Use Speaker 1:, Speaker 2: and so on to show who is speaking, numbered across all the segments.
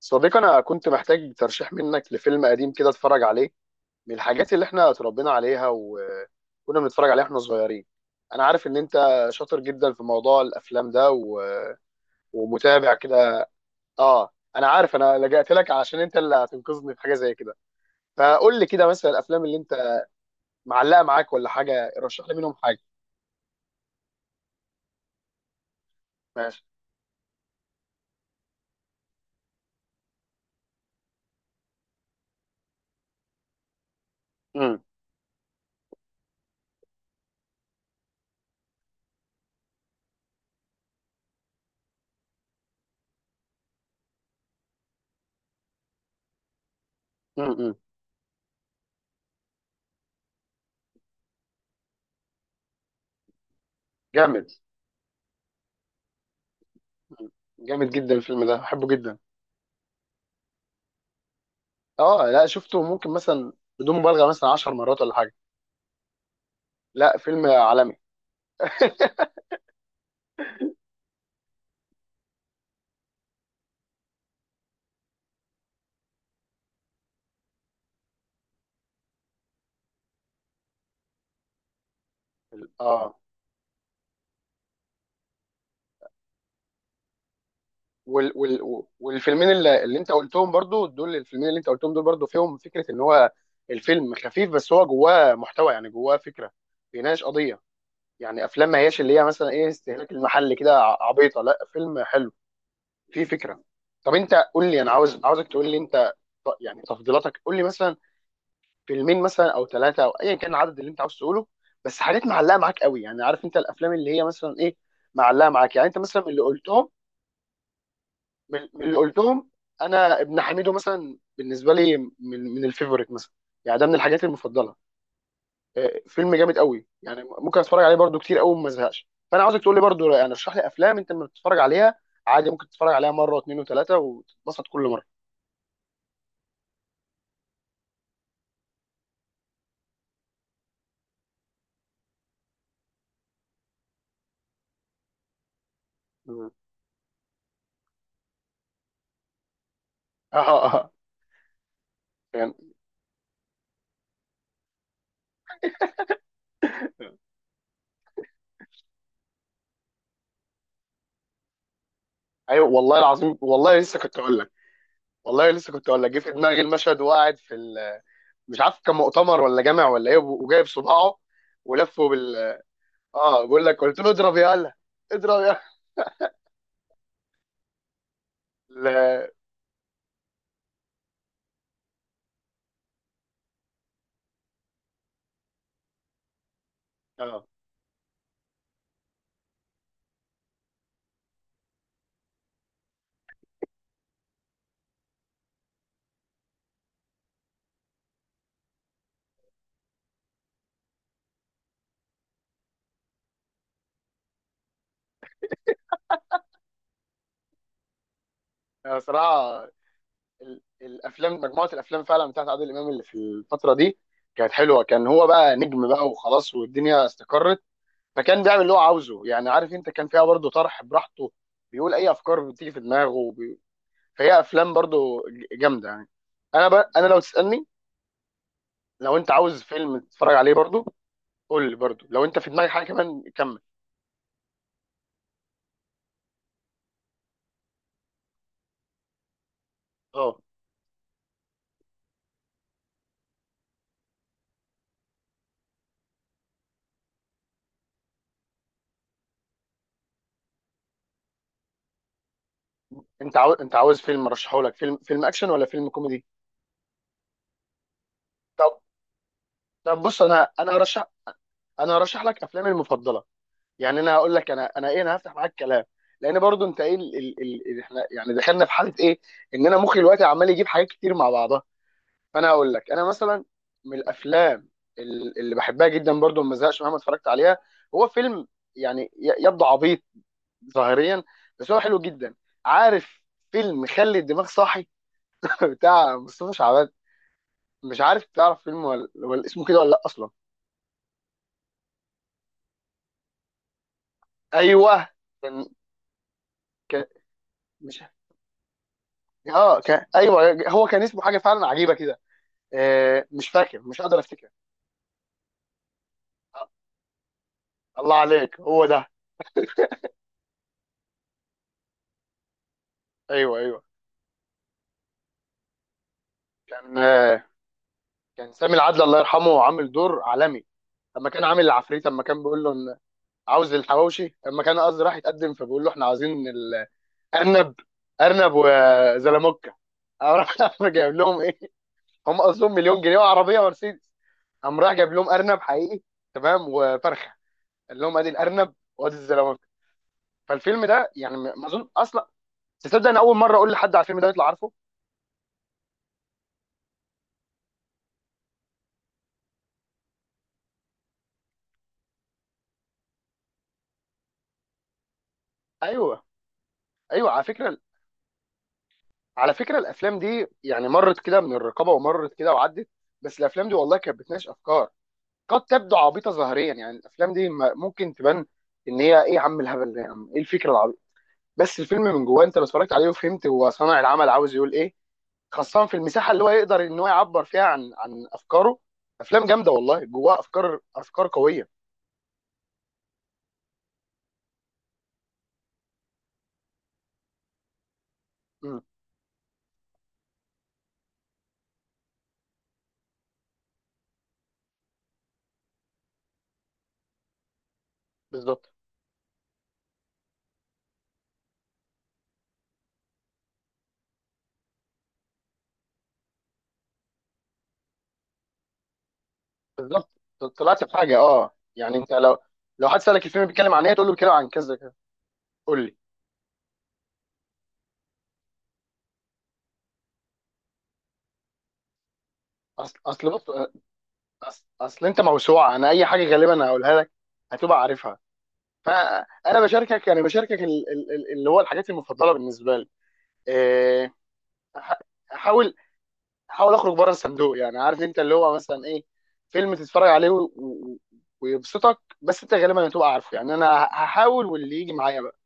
Speaker 1: صديقي، انا كنت محتاج ترشيح منك لفيلم قديم كده اتفرج عليه، من الحاجات اللي احنا اتربينا عليها وكنا بنتفرج عليها احنا صغيرين. انا عارف ان انت شاطر جدا في موضوع الافلام ده و... ومتابع كده. اه، انا عارف انا لجأت لك عشان انت اللي هتنقذني في حاجه زي كده. فقول لي كده مثلا الافلام اللي انت معلقه معاك ولا حاجه، رشح لي منهم حاجه. ماشي. امم امم جامد. مم. جامد جدا الفيلم ده، بحبه جدا. اه لا شفته، ممكن مثلا بدون مبالغه مثلا 10 مرات ولا حاجه. لا فيلم عالمي. اه. وال وال والفيلمين اللي انت قلتهم برضو دول، الفيلمين اللي انت قلتهم دول برضو فيهم فكره ان هو الفيلم خفيف بس هو جواه محتوى، يعني جواه فكره، بيناقش قضيه. يعني افلام ما هياش اللي هي مثلا ايه، استهلاك المحل كده عبيطه، لا فيلم حلو فيه فكره. طب انت قول لي، انا عاوزك تقول لي انت، يعني تفضيلاتك، قول لي مثلا فيلمين مثلا او ثلاثه او ايا كان العدد اللي انت عاوز تقوله، بس حاجات معلقه معاك قوي. يعني عارف انت الافلام اللي هي مثلا ايه معلقه معاك، يعني انت مثلا من اللي قلتهم، من اللي قلتهم؟ انا ابن حميدو مثلا بالنسبه لي من من الفيفوريت مثلا، يعني ده من الحاجات المفضله. آه، فيلم جامد قوي، يعني ممكن اتفرج عليه برضو كتير قوي وما ازهقش. فانا عاوزك تقول لي برضو، يعني اشرح لي افلام انت لما بتتفرج عليها عادي ممكن تتفرج عليها مره واثنين وثلاثه وتتبسط كل مره. مم. اه، اه، آه. يعني ايوه والله العظيم، والله لسه كنت اقول لك، والله لسه كنت اقول لك جه في دماغي المشهد، وقاعد في ال... مش عارف كان مؤتمر ولا جامع ولا ايه، وجايب صباعه ولفه بال. اه، بقول لك، قلت له اضرب يا هلا، اضرب يا. لا. اه. انا صراحه الافلام، مجموعه الافلام فعلا بتاعت عادل امام اللي في الفتره دي كانت حلوه. كان هو بقى نجم بقى وخلاص، والدنيا استقرت، فكان بيعمل اللي هو عاوزه. يعني عارف انت، كان فيها برضه طرح براحته، بيقول اي افكار بتيجي في دماغه وبي... فهي افلام برضه جامده يعني. انا لو تسالني، لو انت عاوز فيلم تتفرج عليه برضه، قول لي برضه لو انت في دماغك حاجه كمان كمل. اه. انت عاوز، فيلم ارشحه لك، فيلم اكشن ولا فيلم كوميدي؟ طب. طب بص، انا هرشح لك افلامي المفضله. يعني انا هقول لك، انا هفتح معاك كلام، لان برضو انت ايه ال... ال... ال... احنا يعني دخلنا في حاله ايه، ان انا مخي دلوقتي عمال يجيب حاجات كتير مع بعضها. فانا هقول لك انا مثلا من الافلام اللي بحبها جدا برضو ما زهقش مهما اتفرجت عليها هو فيلم، يعني يبدو عبيط ظاهريا بس هو حلو جدا، عارف، فيلم خلي الدماغ صاحي بتاع مصطفى شعبان. مش عارف تعرف فيلم ولا اسمه كده ولا لا اصلا. ايوه. كان ك... مش اه كان ايوه، هو كان اسمه حاجه فعلا عجيبه كده. آه مش فاكر، مش قادر افتكر. آه، الله عليك هو ده. ايوه، ايوه، كان آه، كان سامي العدل الله يرحمه عامل دور عالمي لما كان عامل العفريت. لما كان بيقول له ان عاوز الحواوشي، لما كان قصدي راح يتقدم فبيقول له احنا عاوزين الارنب، ارنب وزلموكه. قام راح جايب لهم ايه؟ هم قصدهم مليون جنيه وعربيه ومرسيدس، قام راح جايب لهم ارنب حقيقي تمام وفرخه، قال لهم ادي الارنب وادي الزلموكه. فالفيلم ده يعني ما اظن اصلا، تصدق انا اول مره اقول لحد على الفيلم ده يطلع عارفه. ايوه، ايوه. على فكره، على فكره الافلام دي يعني مرت كده من الرقابه ومرت كده وعدت، بس الافلام دي والله كانت بتناقش افكار. قد تبدو عبيطه ظاهريا، يعني الافلام دي ممكن تبان ان هي ايه يا عم الهبل ده، يا عم ايه الفكره العبيطه، بس الفيلم من جواه انت لو اتفرجت عليه وفهمت هو صانع العمل عاوز يقول ايه، خاصه في المساحه اللي هو يقدر ان هو يعبر فيها عن افكاره. افلام جامده والله جواها افكار قويه. امم بالظبط. بالظبط، طلعت بحاجه. اه، يعني انت لو، لو حد سالك الفيلم بيتكلم عن ايه تقول له بيتكلم عن كذا كذا. قول لي، اصل اصل بص، أصل انت موسوعه، انا اي حاجه غالبا هقولها لك هتبقى عارفها، فانا بشاركك، يعني بشاركك ال... ال... ال... اللي هو الحاجات المفضله بالنسبه لي. إيه، أح- احاول، احاول اخرج بره الصندوق. يعني عارف انت اللي هو مثلا ايه، فيلم تتفرج عليه ويبسطك، بس انت غالبا هتبقى عارفه. يعني انا هحاول واللي يجي معايا بقى.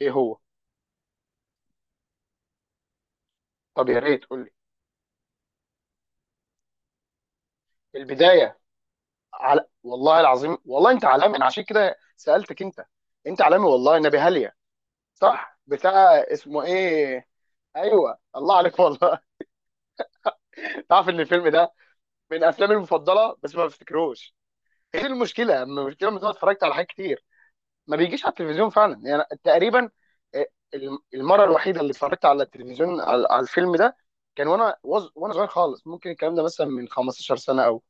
Speaker 1: ايه هو؟ طب يا ريت قول لي. البدايه؟ على، والله العظيم والله انت عالمي، انا عشان كده سالتك انت، انت عالمي والله نبي هاليا. صح بتاع اسمه ايه. ايوه الله عليك والله. تعرف ان الفيلم ده من افلامي المفضله بس ما بفتكروش؟ ايه المشكله، اما المشكله ان انا اتفرجت على حاجات كتير ما بيجيش على التلفزيون فعلا يعني تقريبا. اه، المره الوحيده اللي اتفرجت على التلفزيون على الفيلم ده كان وانا وانا صغير خالص، ممكن الكلام ده مثلا من 15 سنه او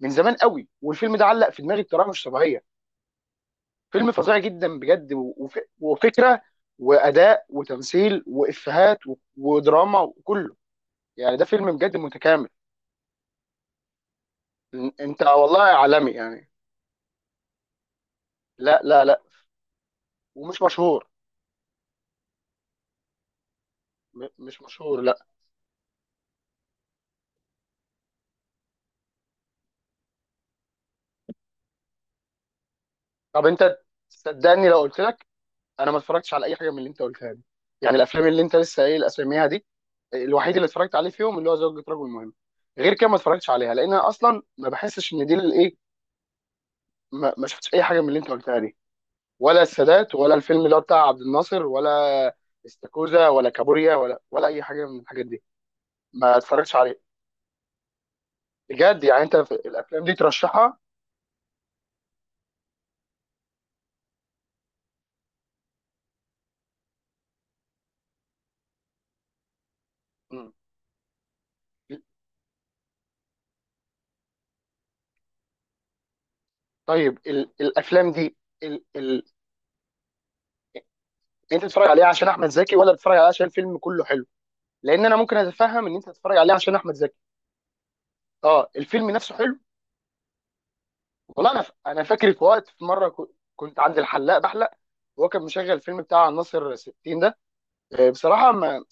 Speaker 1: من زمان قوي، والفيلم ده علق في دماغي بطريقه مش طبيعيه. فيلم فظيع جدا بجد، وفكره واداء وتمثيل وافيهات ودراما وكله. يعني ده فيلم بجد متكامل. انت والله عالمي يعني، لا لا لا، ومش مشهور. مش مشهور لا. طب انت، صدقني لو قلت لك انا ما اتفرجتش على اي حاجه من اللي انت قلتها دي، يعني الافلام اللي انت لسه قايل اساميها دي، الوحيد اللي اتفرجت عليه فيهم اللي هو زوجة رجل مهم، غير كده ما اتفرجتش عليها، لان انا اصلا ما بحسش ان دي الايه. ما شفتش اي حاجه من اللي انت قلتها دي، ولا السادات، ولا الفيلم اللي هو بتاع عبد الناصر، ولا استاكوزا ولا كابوريا ولا اي حاجه من الحاجات دي، ما اتفرجتش عليه. بجد يعني انت في الافلام دي ترشحها؟ مم. طيب ال... الافلام دي ال... ال... انت تتفرج عليها عشان احمد زكي ولا تتفرج عليها عشان الفيلم كله حلو؟ لان انا ممكن اتفهم ان انت تتفرج عليها عشان احمد زكي. اه الفيلم نفسه حلو. والله انا ف... انا فاكر في وقت في مره ك... كنت عند الحلاق بحلق، وهو كان مشغل الفيلم بتاع ناصر 60 ده. آه، بصراحه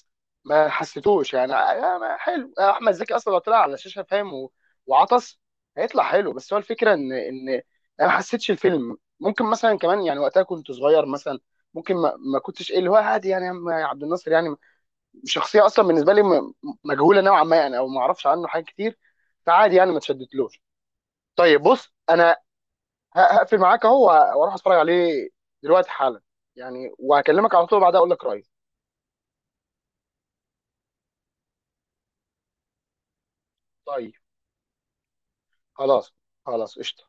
Speaker 1: ما حسيتوش يعني. آه، آه، ما حلو. آه، احمد زكي اصلا لو طلع على الشاشه فاهم و- وعطس هيطلع حلو، بس هو الفكره ان انا ما حسيتش الفيلم. ممكن مثلا كمان، يعني وقتها كنت صغير مثلا، ممكن ما كنتش ايه اللي هو عادي، يعني يا عم عبد الناصر يعني شخصيه اصلا بالنسبه لي مجهوله نوعا ما، يعني او ما اعرفش عنه حاجات كتير، فعادي يعني ما اتشدتلوش. طيب بص انا هقفل معاك اهو واروح اتفرج عليه دلوقتي حالا، يعني وهكلمك على طول بعدها اقول لك رايي. طيب. خلاص. قشطة.